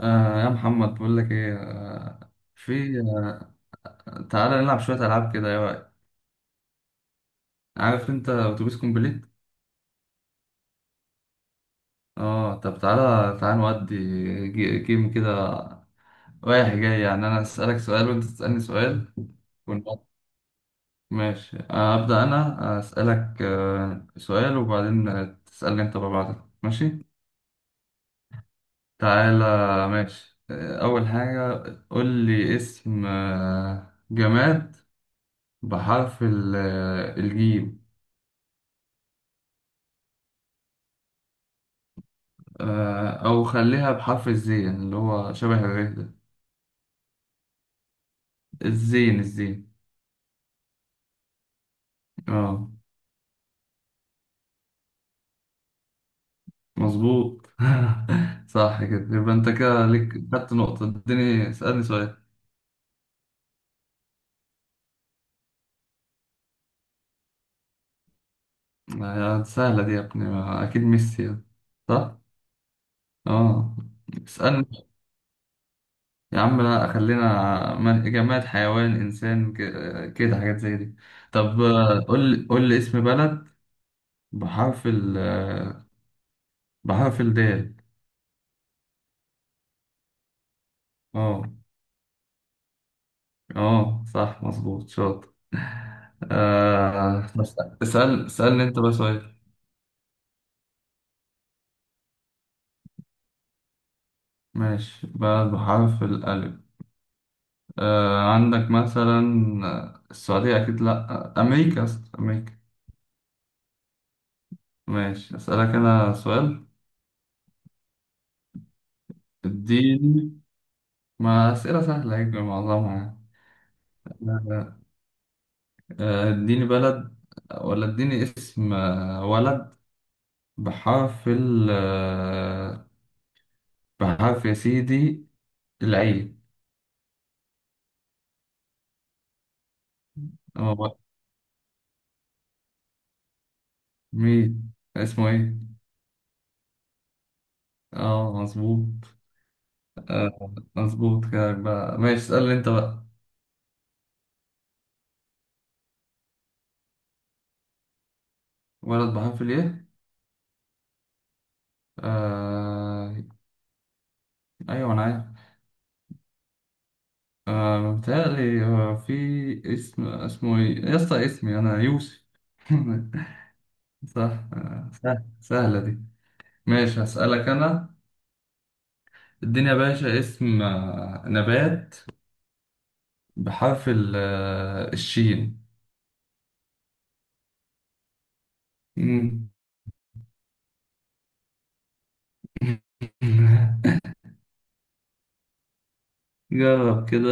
يا محمد، بقول لك ايه، في تعالى نلعب شوية ألعاب كده يا وقت. عارف انت اتوبيس كومبليت؟ اه، طب تعالى تعالى نودي جيم كده. رايح جاي، يعني انا اسألك سؤال وانت تسألني سؤال ونقعد. ماشي. أبدأ انا اسألك سؤال وبعدين، تسألني انت ببعضك. ماشي؟ تعالى. ماشي، اول حاجة، قول لي اسم، جماد بحرف الجيم. أو خليها بحرف الزين، يعني اللي هو شبه الره ده. الزين، الزين. اه، مظبوط. صح كده، يبقى أنت كده ليك خدت نقطة. اديني، اسألني سؤال. سهلة دي يا ابني، ما أكيد ميسي يعني. صح؟ اه. اسألني. يا عم، لا، خلينا جماد حيوان إنسان كده حاجات زي دي. طب، قول لي قول لي اسم بلد بحرف ال آه، بحرف الدال. اه، اه صح، مظبوط، شاطر. بس لا. اسألني انت بقى سؤال. ماشي، بلد بحرف الألف. عندك مثلا، السعودية أكيد لأ، أمريكا، أصلا أمريكا. ماشي أسألك أنا سؤال. اديني. ما أسئلة سهلة هيك معظمها يعني. اديني بلد، ولا اديني اسم، ولد بحرف ال آه، بحرف يا سيدي العين. هو، مين اسمه ايه؟ اه، مظبوط. مظبوط كلامك بقى. ماشي اسألني انت بقى. ولد بحرف الايه؟ آه ايوه انا عارف. متهيألي في اسم، اسمه ايه يا اسطى، اسمي انا يوسف. صح، سهلة دي. ماشي هسألك انا. اديني يا باشا اسم، نبات بحرف الشين. مم. جرب كده.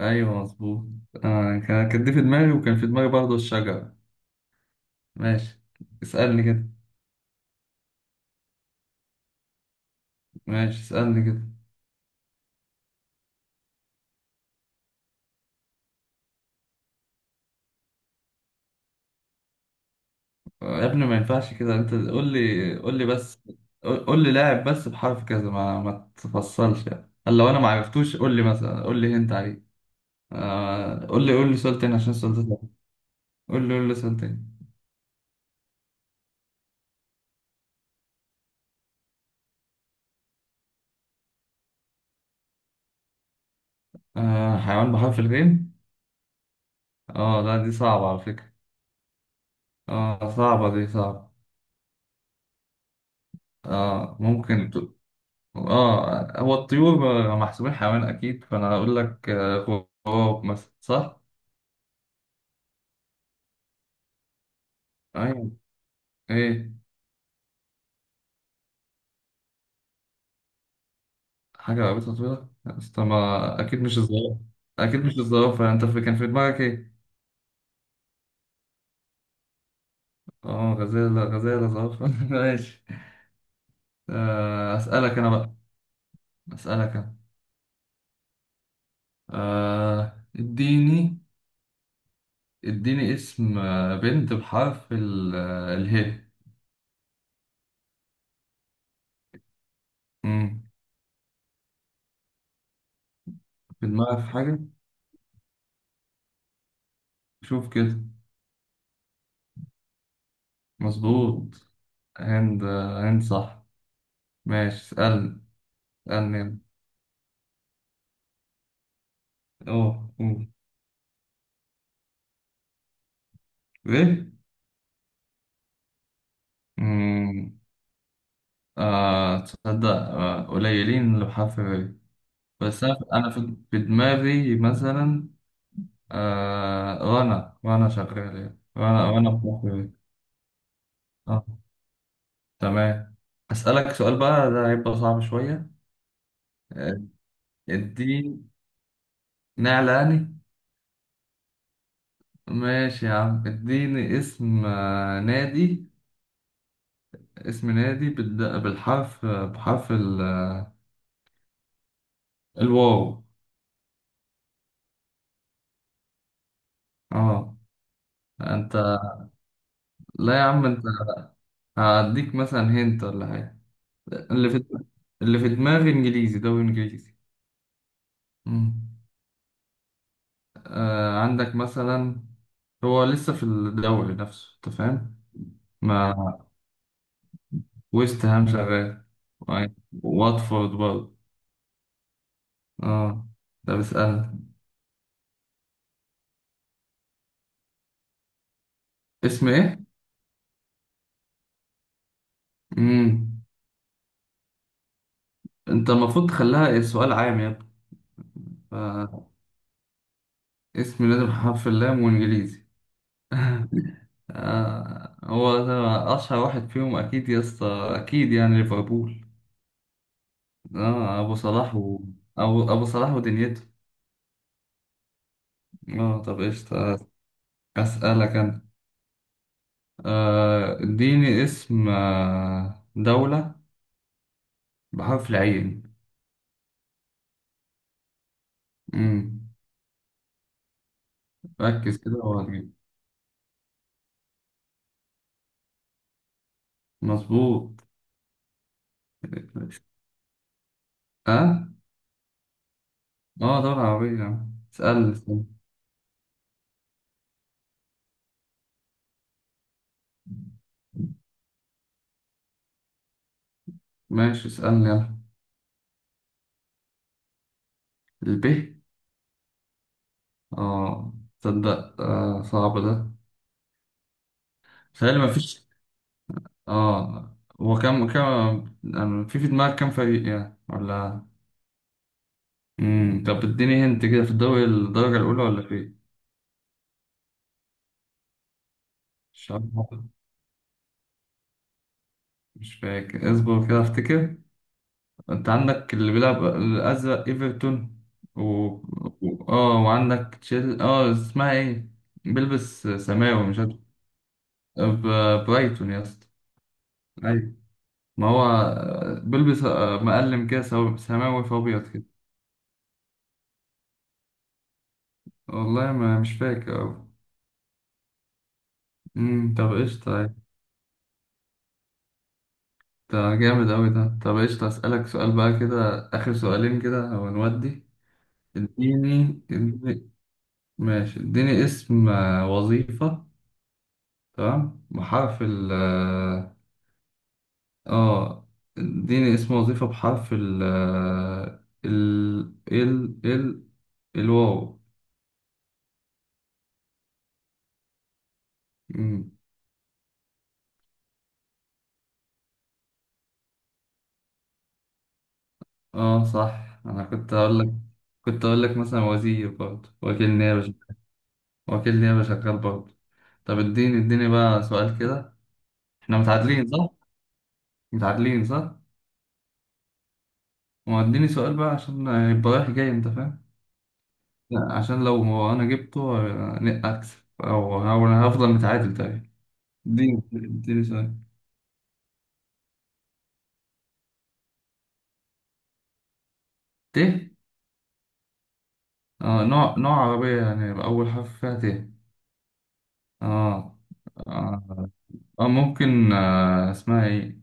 ايوه، مظبوط. كان دي في دماغي، وكان في دماغي برضه الشجرة. ماشي، اسألني كده. ماشي، اسألني كده. يا ابني، ما ينفعش كده. انت قول لي قول لي بس. قول قول لي لاعب بس بحرف كذا، ما تفصلش، يعني قال لو انا ما عرفتوش قول لي مثلا، قول لي هنت عليه. قول لي قول لي سؤال تاني، عشان السؤال ده صعب. قول لي قول لي سؤال تاني. حيوان بحرف الغين. اه، لا، دي صعبة على فكرة. اه، صعبة دي صعبة. اه، ممكن. اه، هو الطيور محسوبين حيوان اكيد، فانا هقول لك، غراب مثلا، صح؟ ايوه. ايه؟ حاجه رقبتها طويله؟ لا، بس طب ما اكيد مش الزرافه. اكيد مش الزرافه. انت كان في دماغك ايه؟ اه، غزاله، غزاله، زرافه. ماشي. اسالك انا بقى. اسالك انا. اديني، اديني اسم، بنت بحرف ال آه، اله. مم. في دماغك حاجه؟ شوف كده. مظبوط. هند، هند صح. ماشي اسألني. اسألني يلا. أوه، أوه. إيه؟ أمم، آه تصدق، قليلين لو حرف إيه. بس أنا في دماغي مثلا، رنا، رنا شغال يعني، رنا رنا بحرف إيه. آه تمام. أسألك سؤال بقى، ده هيبقى صعب شوية. آه، اديني نعلاني. ماشي يا عم، اديني اسم، نادي. اسم نادي بالحرف، بحرف الواو. اه. انت؟ لا يا عم، انت. هديك مثلا هنت ولا حاجة. اللي في اللي في دماغي انجليزي، دوري انجليزي. مم. عندك مثلا، هو لسه في الدوري نفسه، انت فاهم؟ مع. ويست هام شغال. وع- واتفورد برضه. اه، ده بيسأل. اسم ايه؟ مم. انت المفروض تخليها سؤال عام يا ابني. فاسم لازم حرف اللام وانجليزي. هو ده أشهر واحد فيهم أكيد يا اسطى، أكيد يعني ليفربول. أبو صلاح، و أبو صلاح ودنيته. طب إيش أسألك أنا. اديني اسم دولة بحرف العين. مم. ركز كده وهتجيب. مظبوط. أه. أه، دولة عربية يعني. اسألني، اسألني. ماشي اسألني يلا. الب. أه، تصدق، صعب ده. تخيل، مفيش. اه، هو كم، كم، يعني في دماغك كم فريق يعني، ولا. طب اديني هنت كده، في الدوري الدرجة الأولى ولا في إيه؟ مش عارف. مش فاكر، اصبر كده افتكر. انت عندك اللي بيلعب الأزرق ايفرتون، و... و، اه وعندك تشيل، اه، اسمها ايه، بيلبس سماوي مش عارف. برايتون يا اسطى. ايوه. ما هو، بيلبس، مقلم كده سماوي في ابيض كده. والله ما مش فاكر أوي. طب قشطة. ده جامد أوي ده. طب قشطة، أسألك سؤال بقى كده، آخر سؤالين كده ونودي. اديني اديني. ماشي اديني اسم، وظيفة. تمام. بحرف ال اه آه، اديني اسم وظيفة بحرف ال آه، ال ال ال الواو. مم. اه صح، أنا كنت أقول لك. كنت أقول لك مثلا وزير برضه، وكيل نيابة. وكيل نيابة شغال برضه. طب اديني اديني بقى سؤال كده. احنا متعادلين صح؟ متعادلين صح؟ ما اديني سؤال بقى عشان يبقى رايح جاي، انت فاهم؟ لا عشان لو ما انا جبته، اكسب، أو انا هفضل متعادل تقريبا. اديني، اديني سؤال. ت. نوع عربية يعني، يبقى أول حرف فيها ت. آه آه, ممكن، اسمها إيه؟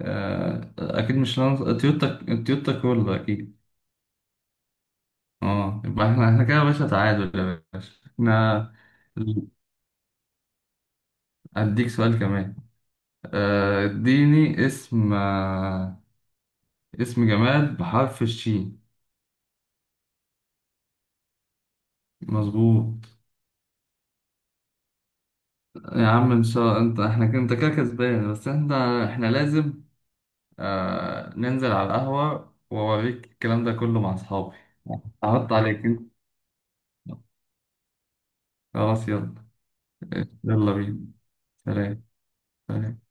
أكيد مش تويوتا. تويوتا كرولا أكيد. يبقى إحنا كده يا باشا، تعادل يا باشا إحنا. أديك سؤال كمان. اديني اسم جماد بحرف الشين. مظبوط. يا عم ان شاء الله انت، انت كده كسبان، بس احنا، احنا لازم ننزل على القهوة واوريك الكلام ده كله مع اصحابي. احط عليك انت. خلاص يلا. يلا بينا. سلام. سلام.